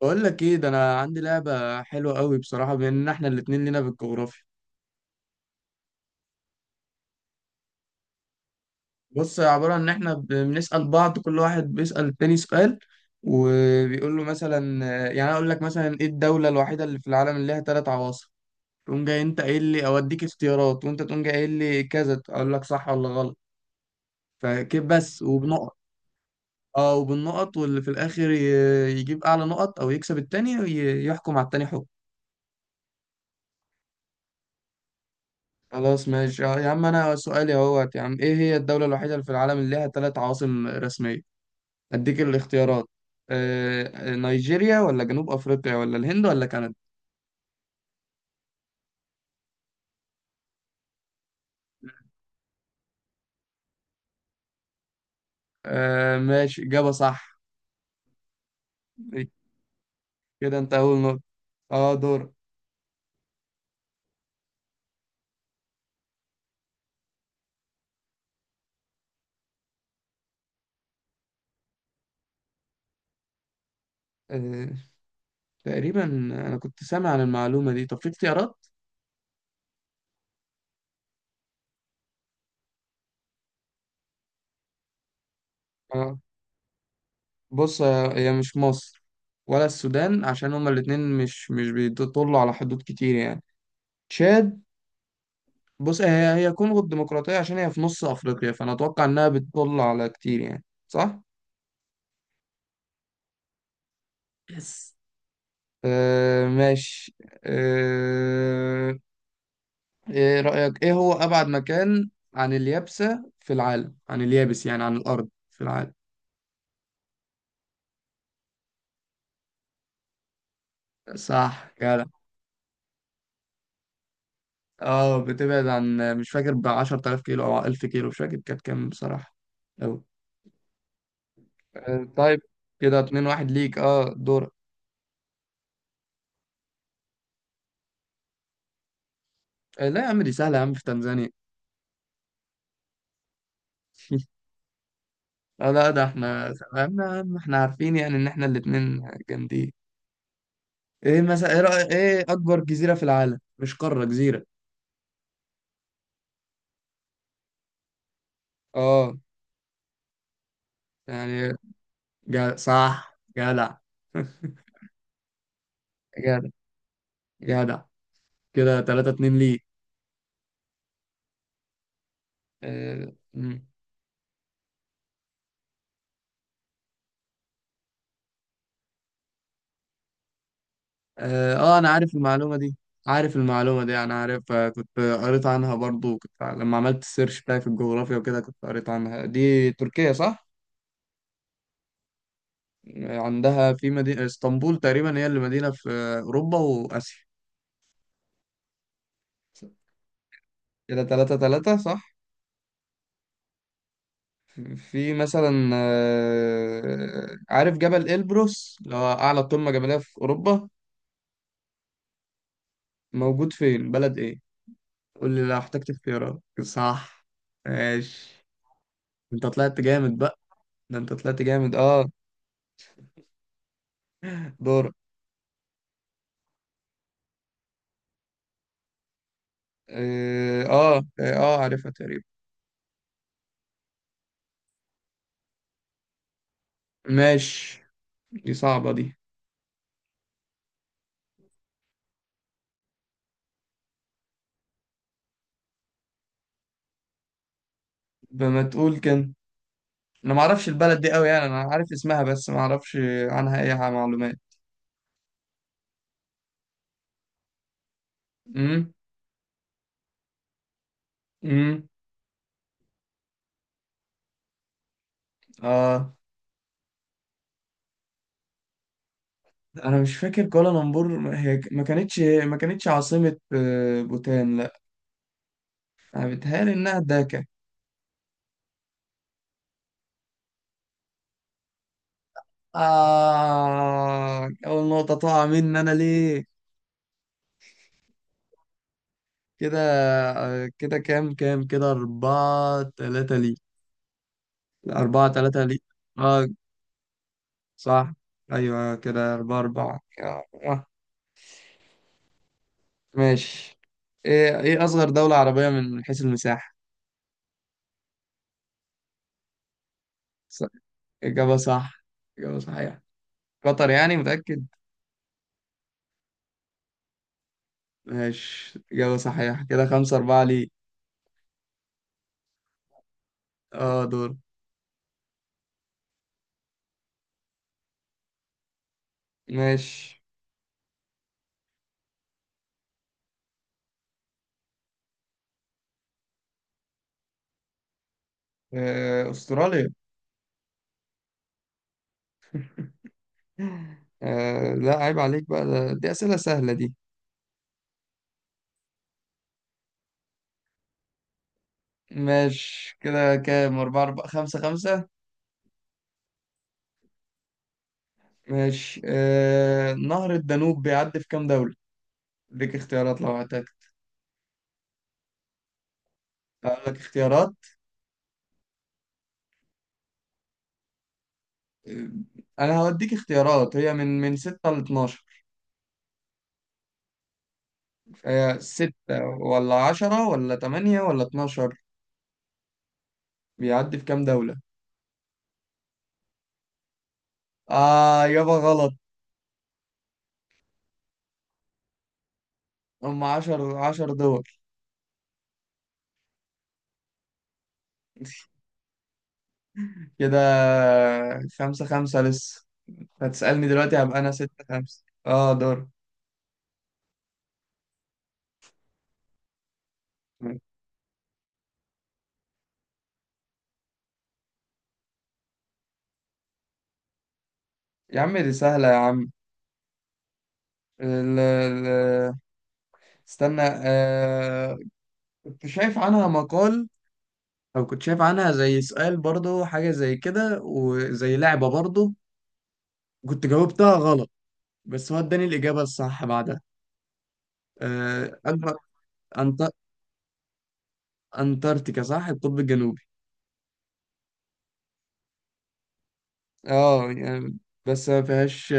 بقول لك ايه ده، انا عندي لعبه حلوه قوي بصراحه، بما ان احنا الاتنين لينا في الجغرافيا. بص، هي عباره عن ان احنا بنسال بعض، كل واحد بيسال التاني سؤال وبيقول له، مثلا يعني انا اقول لك مثلا ايه الدوله الوحيده اللي في العالم اللي ليها ثلاث عواصم؟ تقوم جاي انت قايل لي اوديك اختيارات، وانت تقوم جاي قايل لي كذا، اقول لك صح ولا غلط، فكيف بس وبنقط. اه وبالنقط، واللي في الاخر يجيب اعلى نقط او يكسب التاني وي- يحكم على التاني حكم. خلاص ماشي. يا عم انا سؤالي اهوت، يا عم ايه هي الدولة الوحيدة اللي في العالم اللي لها ثلاث عواصم رسمية؟ اديك الاختيارات. آه، نيجيريا ولا جنوب افريقيا ولا الهند ولا كندا؟ آه ماشي، اجابة صح. كده انت اول نقطة. اه دور. آه تقريبا انا كنت سامع عن المعلومة دي. طب في اختيارات؟ اه بص، هي مش مصر ولا السودان، عشان هما الاتنين مش بيطلوا على حدود كتير يعني. تشاد؟ بص، هي كونغو الديمقراطية، عشان هي في نص أفريقيا، فأنا أتوقع إنها بتطل على كتير يعني، صح؟ يس. آه ماشي. آه، إيه رأيك إيه هو أبعد مكان عن اليابسة في العالم؟ عن اليابس، يعني عن الأرض في العالم. صح كده. اه بتبعد عن، مش فاكر، ب 10,000 كيلو أو 1000 كيلو، مش فاكر كانت كام بصراحة أوي. آه طيب، كده 2 1 ليك، اه دورك. آه لا يا عم، دي سهلة يا عم، في تنزانيا. اه لا، ده احنا تمام يا عم، احنا عارفين يعني ان احنا الاتنين جامدين. ايه مثلا، ايه رأي، ايه اكبر جزيرة في العالم؟ مش قارة، جزيرة. اه يعني، جا صح، جدع. جدع، جدع. كده 3 2 ليه. اه. اه انا عارف المعلومة دي، عارف المعلومة دي، انا عارفها، كنت قريت عنها برضو، كنت لما عملت السيرش بتاعي في الجغرافيا وكده كنت قريت عنها. دي تركيا صح؟ عندها في مدينة اسطنبول تقريبا، هي اللي مدينة في اوروبا واسيا. كده تلاتة تلاتة، صح؟ في مثلا، عارف جبل إلبروس اللي هو أعلى قمة جبلية في أوروبا؟ موجود فين، بلد إيه؟ قول لي لو احتجت اختيارات، صح؟ ماشي. أنت طلعت جامد بقى. ده أنت طلعت جامد، أه دور. آه آه آه عارفها تقريبا. ماشي، دي صعبة دي. بما تقول كان، أنا معرفش البلد دي أوي يعني، أنا عارف اسمها بس معرفش عنها أي حاجة، معلومات. أمم. أمم. آه. انا مش فاكر كوالالمبور، هي ما كانتش عاصمة. بوتان لا. انا بتهيألي انها داكا. آه، اول نقطة تقع مني، انا ليه؟ كده. كده كام كام، كده أربعة تلاتة لي. لا، أربعة تلاتة لي. اه صح، أيوة كده، أربعة أربعة. آه. ماشي. إيه، إيه أصغر دولة عربية من حيث المساحة؟ ص- إجابة صح، إجابة صحيحة. قطر يعني، متأكد؟ ماشي، إجابة صحيحة. كده خمسة أربعة ليه. اه دور. ماشي، أستراليا. لا عيب عليك بقى، دي أسئلة سهلة دي. ماشي، كده كام، أربعة أربعة، خمسة خمسة. ماشي، نهر الدانوب بيعدي في كام دولة؟ اديك اختيارات لو هتاك. أقول لك اختيارات. آه، أنا هوديك اختيارات، هي من ستة لاتناشر. هي ستة ولا عشرة ولا تمانية ولا اتناشر؟ بيعدي في كام دولة؟ آه يابا غلط. هم عشر دول. كده خمسة خمسة لسه. هتسألني دلوقتي، هبقى أنا ستة خمسة، اه دور. يا عم دي سهلة يا عم. ال ال استنى آه، كنت شايف عنها مقال، أو كنت شايف عنها زي سؤال برضو، حاجة زي كده وزي لعبة برضو، كنت جاوبتها غلط، بس هو اداني الإجابة الصح بعدها. آه أكبر، أنت... أنتاركتيكا، صح، القطب الجنوبي. اه يعني، بس ما فيهاش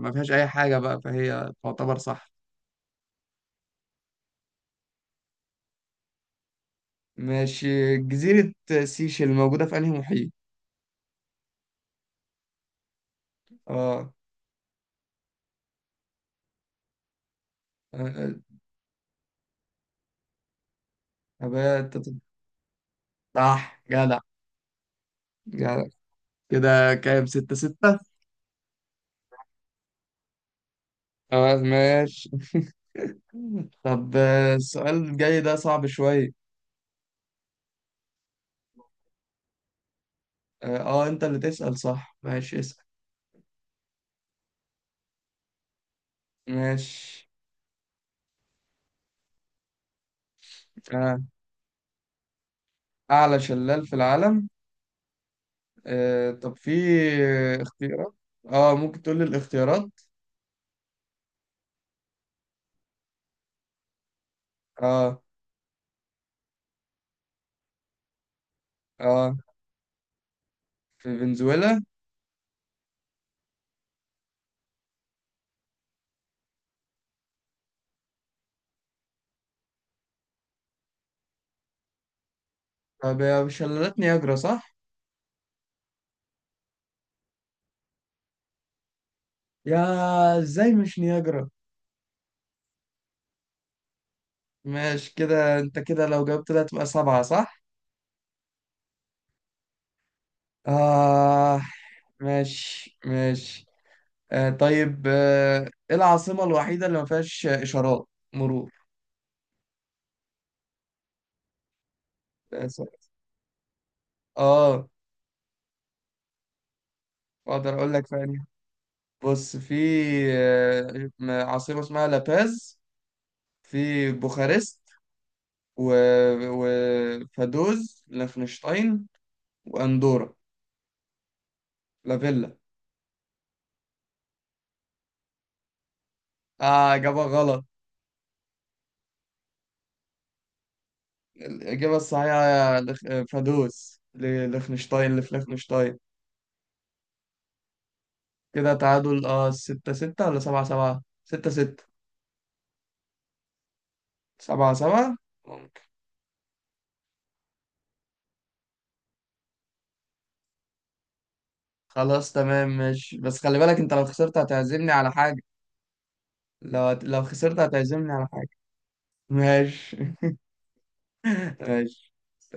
ما فيهاش اي حاجه بقى، فهي تعتبر صح. ماشي. جزيره سيشل موجوده في انهي محيط؟ اه. ابات. صح، جدع، جدع. كده كام، ستة ستة. اه ماشي. طب، السؤال الجاي ده صعب شوية. اه انت اللي تسأل، صح ماشي اسأل. ماشي. آه. اعلى شلال في العالم. آه. طب في اختيارات؟ اه ممكن تقول لي الاختيارات. اه. اه في فنزويلا. طب يا شلالات نياجرا، صح؟ يا، ازاي مش نياجرا؟ ماشي، كده انت كده لو جاوبت ده تبقى سبعة، صح؟ آه ماشي، ماشي. آه طيب، آه ايه العاصمة الوحيدة اللي ما فيهاش إشارات مرور؟ ده سؤال. اه اقدر اقول لك ثانية. بص في، آه، عاصمة اسمها لاباز، في بوخارست، و، وفادوز لافنشتاين، وأندورا لافيلا. آه إجابة غلط. الإجابة الصحيحة فادوس لخنشتاين، لفليخنشتاين. كده تعادل اه، ستة ستة ولا سبعة سبعة؟ ستة ستة. سبعة سبعة ممكن. خلاص تمام ماشي، بس خلي بالك انت لو خسرت هتعزمني على حاجة. لو خسرت هتعزمني على حاجة. ماشي. ماشي.